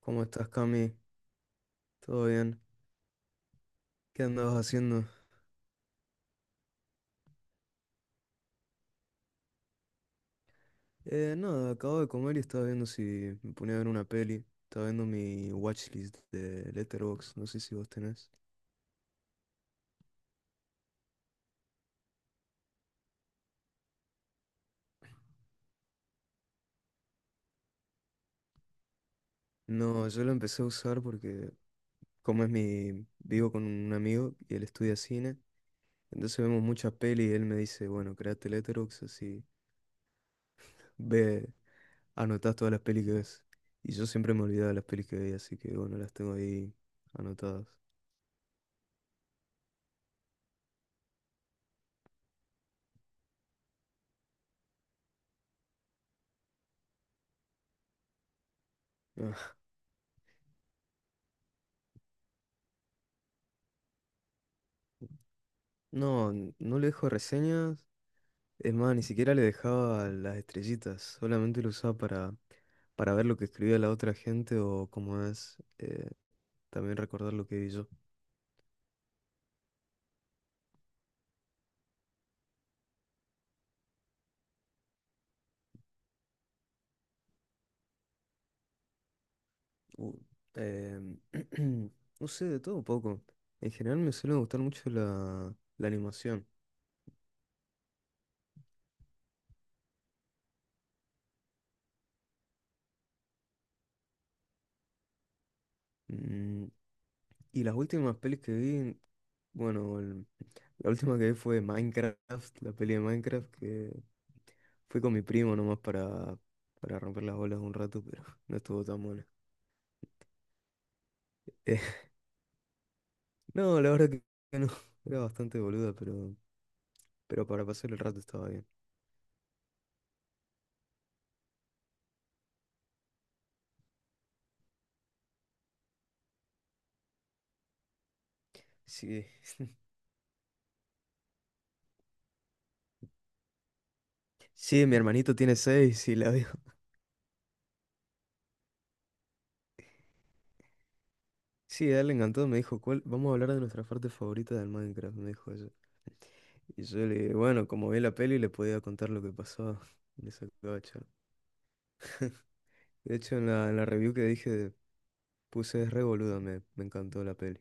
¿Cómo estás, Cami? ¿Todo bien? ¿Qué andabas haciendo? Nada, acabo de comer y estaba viendo si me ponía a ver una peli. Estaba viendo mi watchlist de Letterboxd, no sé si vos tenés. No, yo lo empecé a usar porque como es mi... vivo con un amigo y él estudia cine, entonces vemos muchas peli y él me dice, bueno, créate Letterboxd, así ve, anotás todas las pelis que ves. Y yo siempre me olvidaba de las pelis que veía, así que bueno, las tengo ahí anotadas. Ah, no, no le dejo reseñas. Es más, ni siquiera le dejaba las estrellitas, solamente lo usaba para ver lo que escribía la otra gente o como es, también recordar lo que vi yo. U- em, no sé, de todo un poco. En general me suele gustar mucho la animación. Mm, y las últimas pelis que vi, bueno, la última que vi fue Minecraft, la peli de Minecraft, que fue con mi primo nomás para romper las bolas un rato, pero no estuvo tan buena. No, la verdad que no. Era bastante boluda, pero para pasar el rato estaba bien. Sí, sí, mi hermanito tiene seis y la vio. Sí, a él le encantó, me dijo, ¿cuál? Vamos a hablar de nuestra parte favorita del Minecraft, me dijo eso. Y yo le dije, bueno, como vi la peli, le podía contar lo que pasaba en esa gacha. De hecho, en la review que dije, puse es re boluda, me encantó la peli.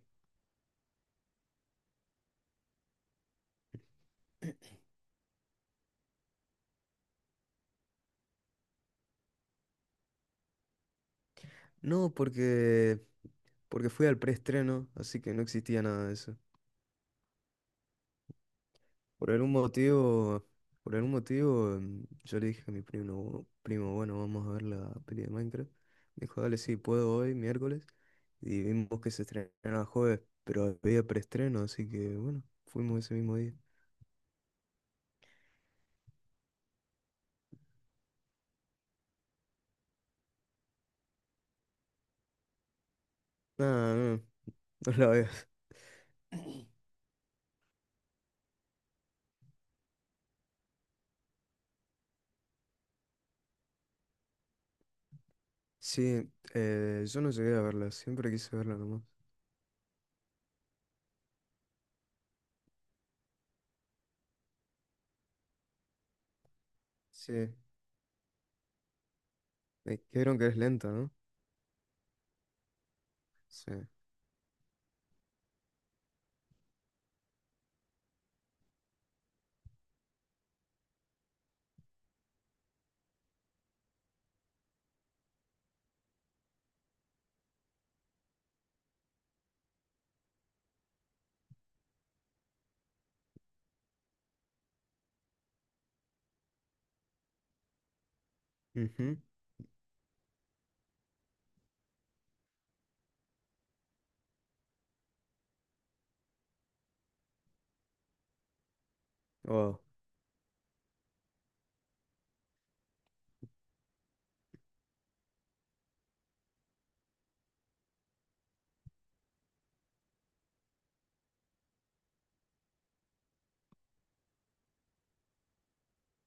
No, porque fui al preestreno, así que no existía nada de eso. Por algún motivo, por algún motivo, yo le dije a mi primo, primo, bueno, vamos a ver la peli de Minecraft. Me dijo, dale, sí, puedo hoy, miércoles. Y vimos que se estrenaba jueves, pero había preestreno, así que bueno, fuimos ese mismo día. Nada, no, no la veas. Sí, yo no llegué a verla, siempre quise verla nomás. Sí, me dijeron que es lenta, ¿no? Sí. Ujú. Oh,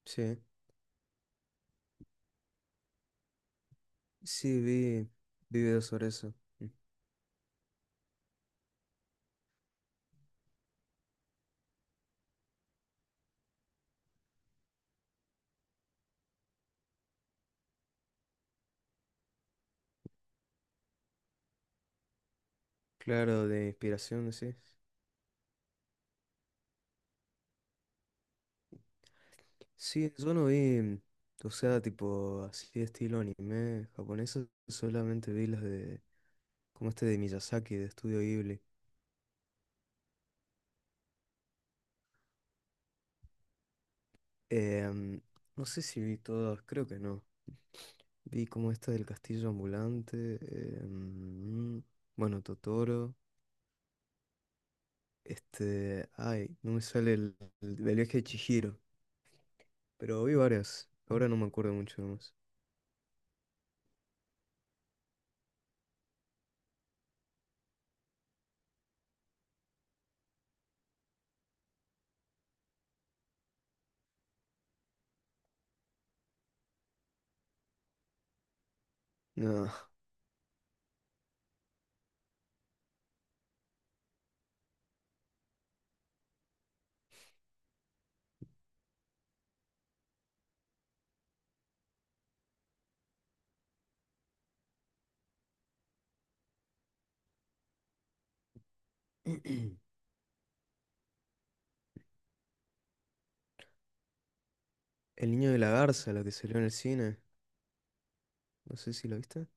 sí. Sí, vi videos sobre eso. Mm. Claro, de inspiración, sí. Sí, yo no vi, o sea, tipo así de estilo anime japonesa, solamente vi las de, como este de Miyazaki, de Estudio Ghibli. Em, no sé si vi todas, creo que no. Vi como esta del Castillo Ambulante, em, bueno, Totoro, este, ay, no me sale el del viaje de Chihiro, pero vi varias, ahora no me acuerdo mucho más. No, el niño de la garza, la que salió en el cine, no sé si la viste.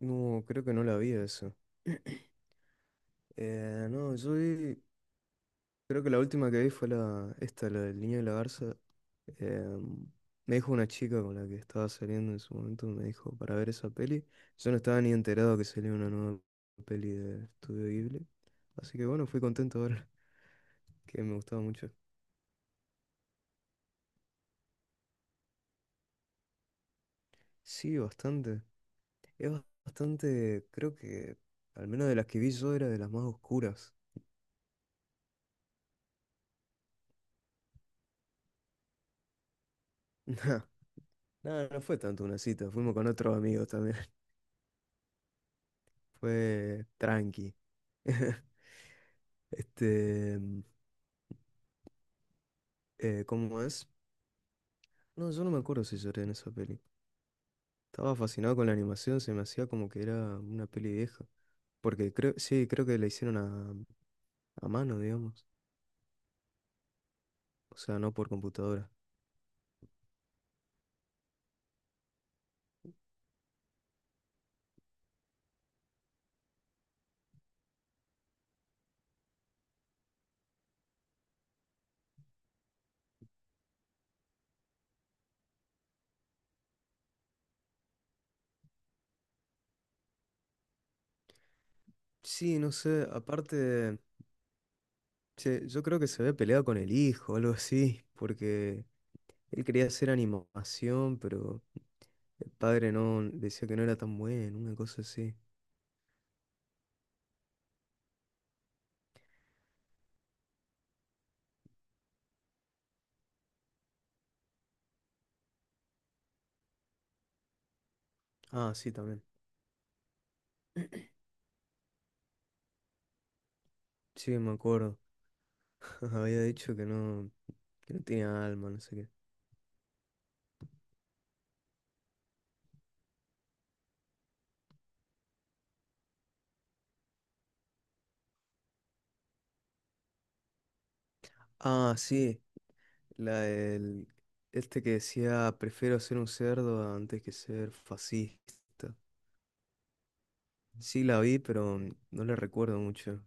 No, creo que no la vi eso. No, yo vi, creo que la última que vi fue la, esta, la del niño de la garza. Eh, me dijo una chica con la que estaba saliendo en su momento, me dijo para ver esa peli. Yo no estaba ni enterado que salía una nueva peli de Estudio Ghibli. Así que bueno, fui contento de verla, que me gustaba mucho. Sí, bastante. Es bastante, creo que al menos de las que vi yo era de las más oscuras. Nada, no fue tanto una cita, fuimos con otros amigos. Fue tranqui. Este, ¿cómo es? No, yo no me acuerdo si lloré en esa peli. Estaba fascinado con la animación, se me hacía como que era una peli vieja. Porque creo, sí, creo que la hicieron a mano, digamos. O sea, no por computadora. Sí, no sé, aparte, che, yo creo que se había peleado con el hijo, algo así, porque él quería hacer animación, pero el padre no decía que no era tan bueno, una cosa así. Ah, sí, también. Sí, me acuerdo. Ajá, había dicho que que no tenía alma, no sé qué. Ah, sí, la del, este que decía, prefiero ser un cerdo antes que ser fascista. Sí, la vi, pero no la recuerdo mucho.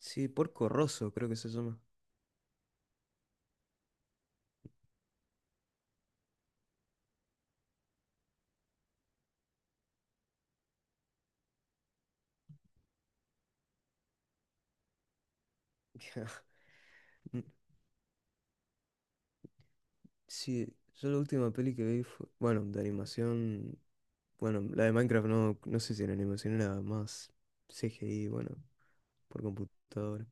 Sí, Porco Rosso, creo que se llama. Mm, sí, yo la última peli que vi fue, bueno, de animación, bueno, la de Minecraft no, no sé si era animación, era más CGI, bueno, por computadora.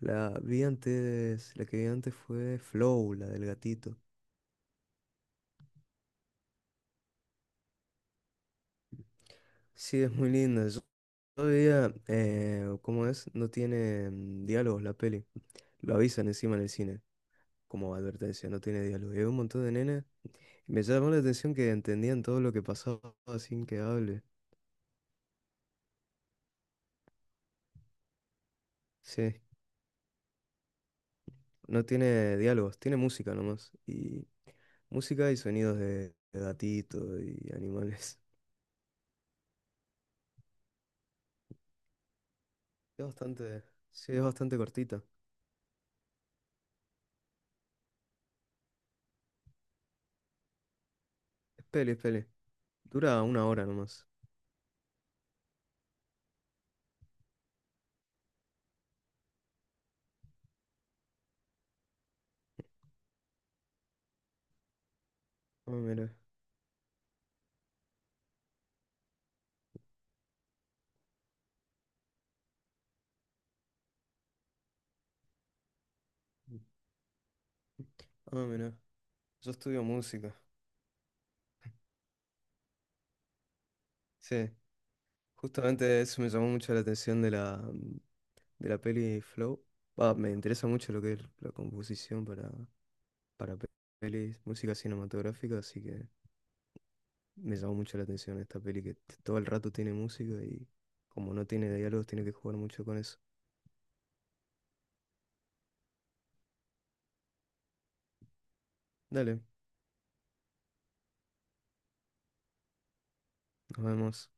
La vi antes, la que vi antes fue Flow, la del gatito. Sí, es muy linda. Yo todavía, ¿cómo es? No tiene diálogos la peli. Lo avisan encima en el cine, como advertencia, no tiene diálogo. Y hay un montón de nenas. Y me llamó la atención que entendían todo lo que pasaba sin que hable. Sí, no tiene diálogos, tiene música nomás. Y música y sonidos de gatitos y animales. Es es bastante cortita. Es peli, es peli. Dura 1 hora nomás. Ah, mira. Ah, mira. Yo estudio música. Sí. Justamente eso me llamó mucho la atención de de la peli Flow. Va, me interesa mucho lo que es la composición para pelis, música cinematográfica, así que me llamó mucho la atención esta peli que todo el rato tiene música y como no tiene diálogos tiene que jugar mucho con eso. Dale, nos vemos.